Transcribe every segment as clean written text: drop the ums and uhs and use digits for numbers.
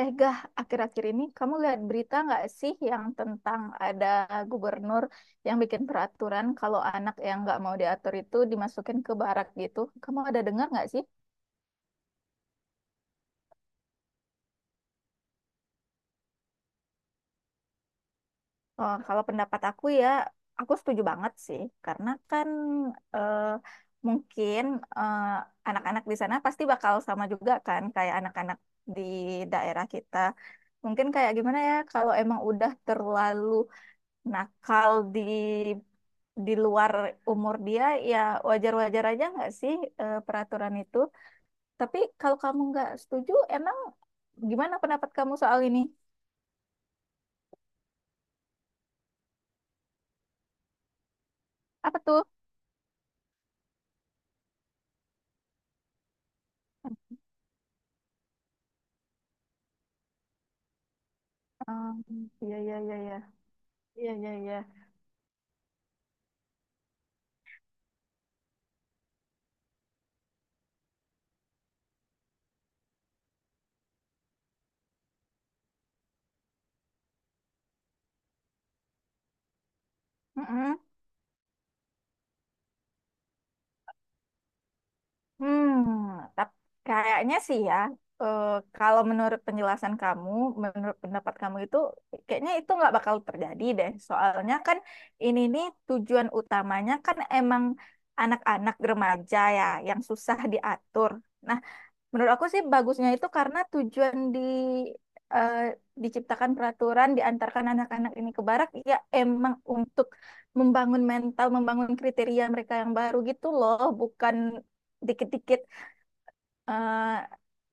Gah, akhir-akhir ini kamu lihat berita nggak sih yang tentang ada gubernur yang bikin peraturan kalau anak yang nggak mau diatur itu dimasukin ke barak gitu? Kamu ada dengar nggak sih? Kalau pendapat aku, ya, aku setuju banget sih, karena kan eh, mungkin eh, anak-anak di sana pasti bakal sama juga kan kayak anak-anak di daerah kita. Mungkin kayak gimana ya, kalau emang udah terlalu nakal di luar umur dia, ya wajar-wajar aja nggak sih peraturan itu. Tapi kalau kamu nggak setuju, emang gimana pendapat kamu soal ini? Apa tuh? Iya, iya, iya, iya. Iya, iya, iya. Hmm, tapi kayaknya sih, ya, eh, kalau menurut penjelasan kamu, menurut pendapat kamu itu, kayaknya itu nggak bakal terjadi deh. Soalnya kan ini nih tujuan utamanya kan emang anak-anak remaja, ya, yang susah diatur. Nah, menurut aku sih bagusnya itu karena tujuan eh, diciptakan peraturan diantarkan anak-anak ini ke barak ya emang untuk membangun mental, membangun kriteria mereka yang baru gitu loh, bukan dikit-dikit eh,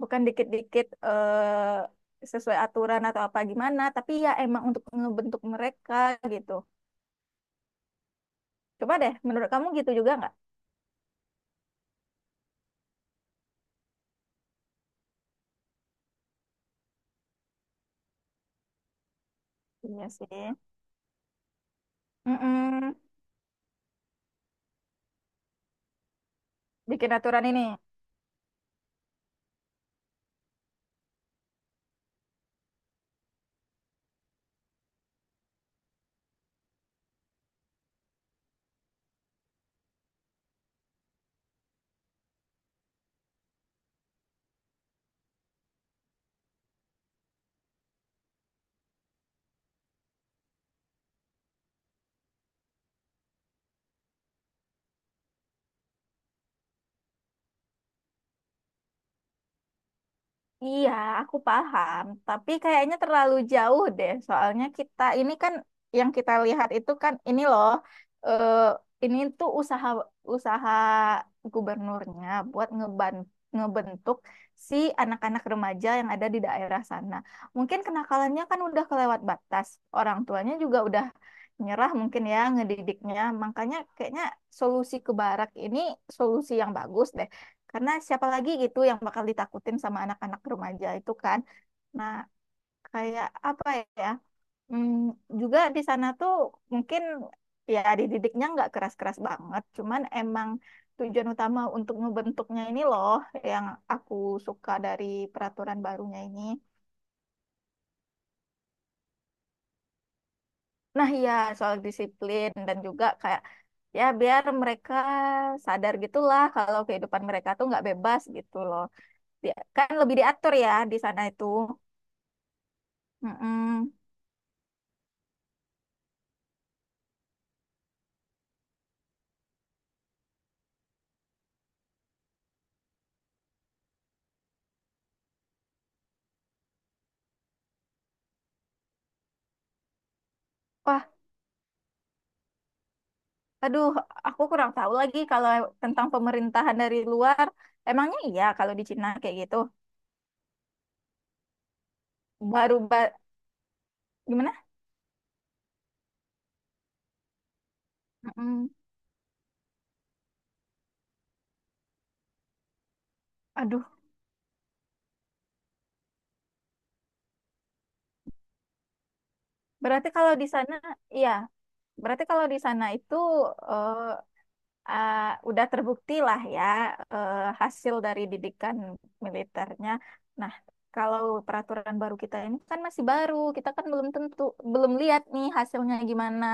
sesuai aturan atau apa gimana, tapi ya emang untuk ngebentuk mereka gitu. Coba deh, menurut kamu gitu juga nggak? Iya sih. Mm-mm. Bikin aturan ini. Iya, aku paham, tapi kayaknya terlalu jauh deh. Soalnya kita ini kan, yang kita lihat itu kan ini loh, eh, ini tuh usaha usaha gubernurnya buat ngebentuk si anak-anak remaja yang ada di daerah sana. Mungkin kenakalannya kan udah kelewat batas. Orang tuanya juga udah nyerah mungkin ya ngedidiknya. Makanya kayaknya solusi ke barak ini solusi yang bagus deh. Karena siapa lagi gitu yang bakal ditakutin sama anak-anak remaja itu kan. Nah, kayak apa ya? Hmm, Juga di sana tuh mungkin ya dididiknya nggak keras-keras banget, cuman emang tujuan utama untuk ngebentuknya ini loh yang aku suka dari peraturan barunya ini. Nah, ya soal disiplin dan juga kayak, ya, biar mereka sadar gitulah kalau kehidupan mereka tuh nggak bebas gitu loh. Dia kan lebih diatur ya di sana itu. Mm-mm. Wah, aduh, aku kurang tahu lagi kalau tentang pemerintahan dari luar. Emangnya iya kalau di Cina kayak gitu. Baru ba gimana? Mm-mm. Aduh, berarti kalau di sana, iya. Berarti kalau di sana itu eh, eh, udah terbukti lah, ya, eh, hasil dari didikan militernya. Nah, kalau peraturan baru kita ini kan masih baru, kita kan belum lihat nih hasilnya gimana.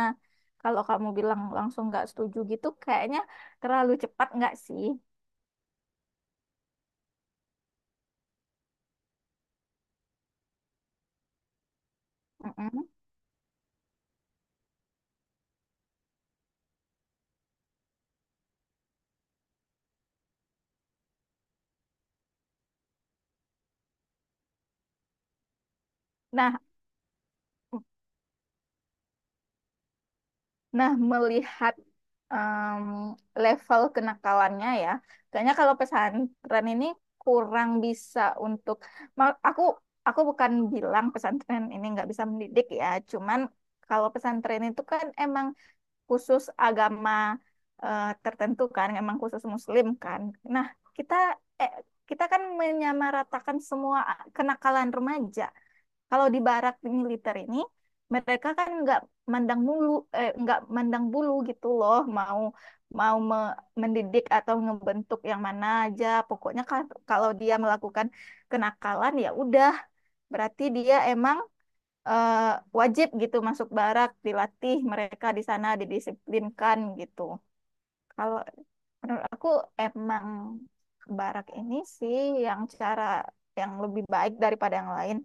Kalau kamu bilang langsung nggak setuju gitu, kayaknya terlalu cepat nggak sih? Mm-mm. Nah, nah, melihat em, level kenakalannya, ya, kayaknya kalau pesantren ini kurang bisa untuk ma- aku aku bukan bilang pesantren ini nggak bisa mendidik, ya, cuman kalau pesantren itu kan emang khusus agama tertentu kan, emang khusus Muslim kan. Nah, kita eh, kita kan menyamaratakan semua kenakalan remaja. Kalau di barak militer ini, mereka kan nggak mandang mulu, mandang bulu gitu loh, mau mau me- mendidik atau ngebentuk yang mana aja. Pokoknya kalau dia melakukan kenakalan ya udah, berarti dia emang eh, wajib gitu masuk barak, dilatih mereka di sana, didisiplinkan gitu. Kalau menurut aku emang barak ini sih yang cara yang lebih baik daripada yang lain.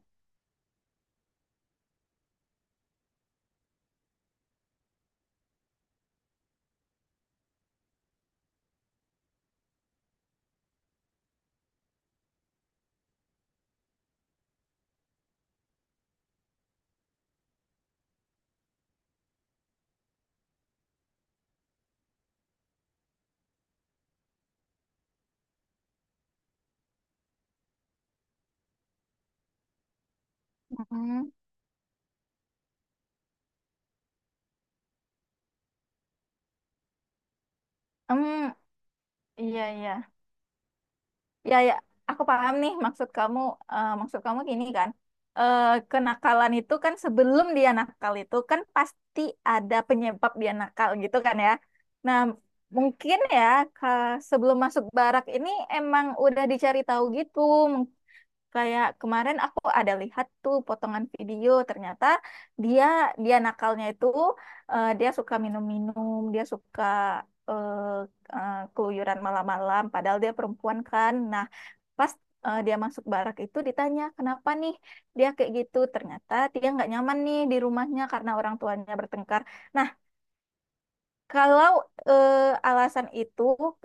Mm. Em, Iya, iya. Ya, ya. Aku paham nih maksud kamu. Maksud kamu gini kan. eh Kenakalan itu kan sebelum dia nakal itu kan pasti ada penyebab dia nakal gitu kan, ya. Nah, mungkin ya ka- sebelum masuk barak ini emang udah dicari tahu gitu. Kayak kemarin aku ada lihat tuh potongan video, ternyata dia dia nakalnya itu dia suka minum-minum, dia suka eh keluyuran malam-malam, padahal dia perempuan kan. Nah, pas dia masuk barak itu ditanya kenapa nih dia kayak gitu, ternyata dia nggak nyaman nih di rumahnya karena orang tuanya bertengkar. Nah, kalau alasan itu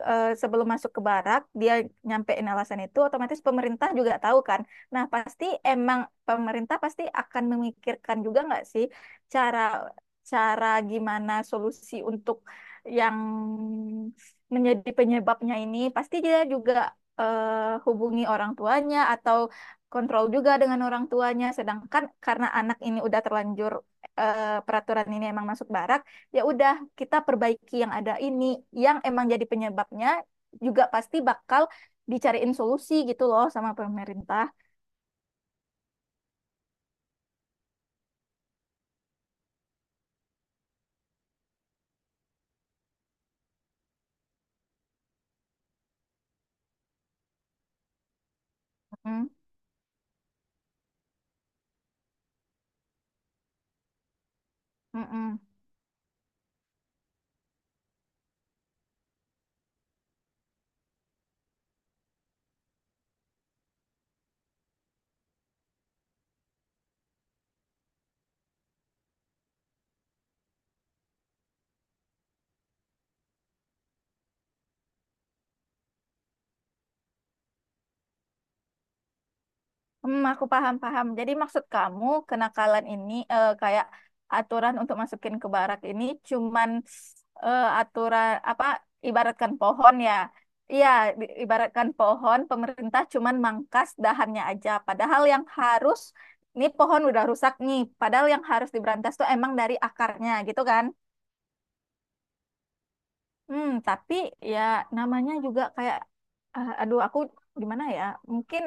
sebelum masuk ke barak dia nyampein alasan itu otomatis pemerintah juga tahu kan. Nah, pasti emang pemerintah pasti akan memikirkan juga nggak sih cara cara gimana solusi untuk yang menjadi penyebabnya ini. Pasti dia juga hubungi orang tuanya atau kontrol juga dengan orang tuanya. Sedangkan karena anak ini udah terlanjur peraturan ini emang masuk barak, ya udah kita perbaiki yang ada ini, yang emang jadi penyebabnya juga pasti bakal dicariin solusi gitu loh sama pemerintah. Mm, mm-mm. Aku paham paham. Jadi maksud kamu kenakalan ini kayak aturan untuk masukin ke barak ini cuman aturan apa, ibaratkan pohon ya. Iya, ibaratkan pohon pemerintah cuman mangkas dahannya aja. Padahal yang harus, ini pohon udah rusak nih. Padahal yang harus diberantas tuh emang dari akarnya gitu kan. Tapi ya namanya juga kayak, ah, aduh, aku gimana ya? Mungkin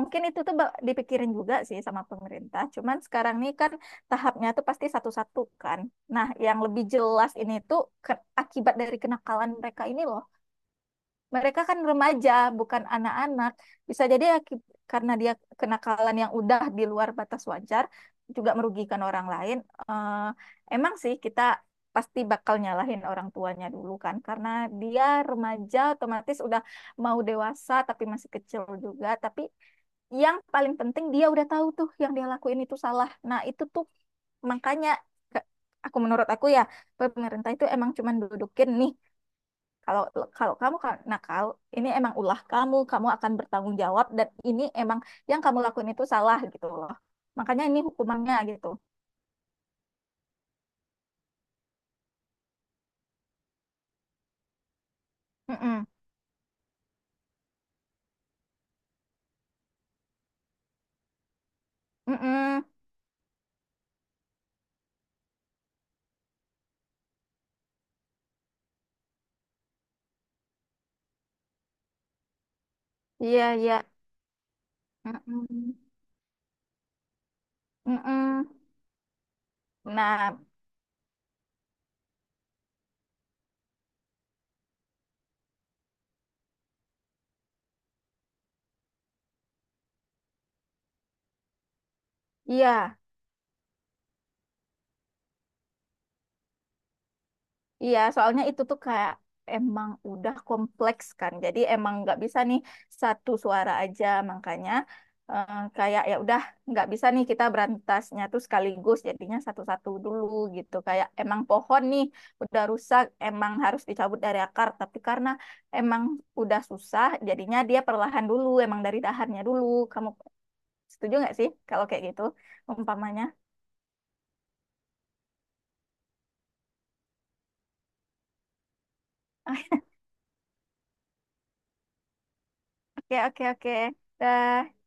Mungkin itu tuh dipikirin juga sih sama pemerintah. Cuman sekarang nih kan tahapnya tuh pasti satu-satu kan. Nah, yang lebih jelas ini tuh akibat dari kenakalan mereka ini loh, mereka kan remaja, bukan anak-anak. Bisa jadi karena dia kenakalan yang udah di luar batas wajar, juga merugikan orang lain. Eh, Emang sih kita pasti bakal nyalahin orang tuanya dulu kan, karena dia remaja otomatis udah mau dewasa tapi masih kecil juga. Tapi yang paling penting dia udah tahu tuh yang dia lakuin itu salah. Nah, itu tuh makanya menurut aku, ya, pemerintah itu emang cuman dudukin nih, kalau kalau kamu nakal, ini emang ulah kamu, kamu akan bertanggung jawab dan ini emang yang kamu lakuin itu salah gitu loh. Makanya ini hukumannya gitu. Mm-mm. Mm-mm. Iya, iya. Mm-mm. Mm-mm. Nah, iya. Iya, soalnya itu tuh kayak emang udah kompleks kan. Jadi emang nggak bisa nih satu suara aja. Makanya kayak ya udah nggak bisa nih kita berantasnya tuh sekaligus. Jadinya satu-satu dulu gitu. Kayak emang pohon nih udah rusak, emang harus dicabut dari akar. Tapi karena emang udah susah, jadinya dia perlahan dulu. Emang dari dahannya dulu. Kamu setuju nggak sih kalau kayak gitu umpamanya? Oke, oke, oke. Dah.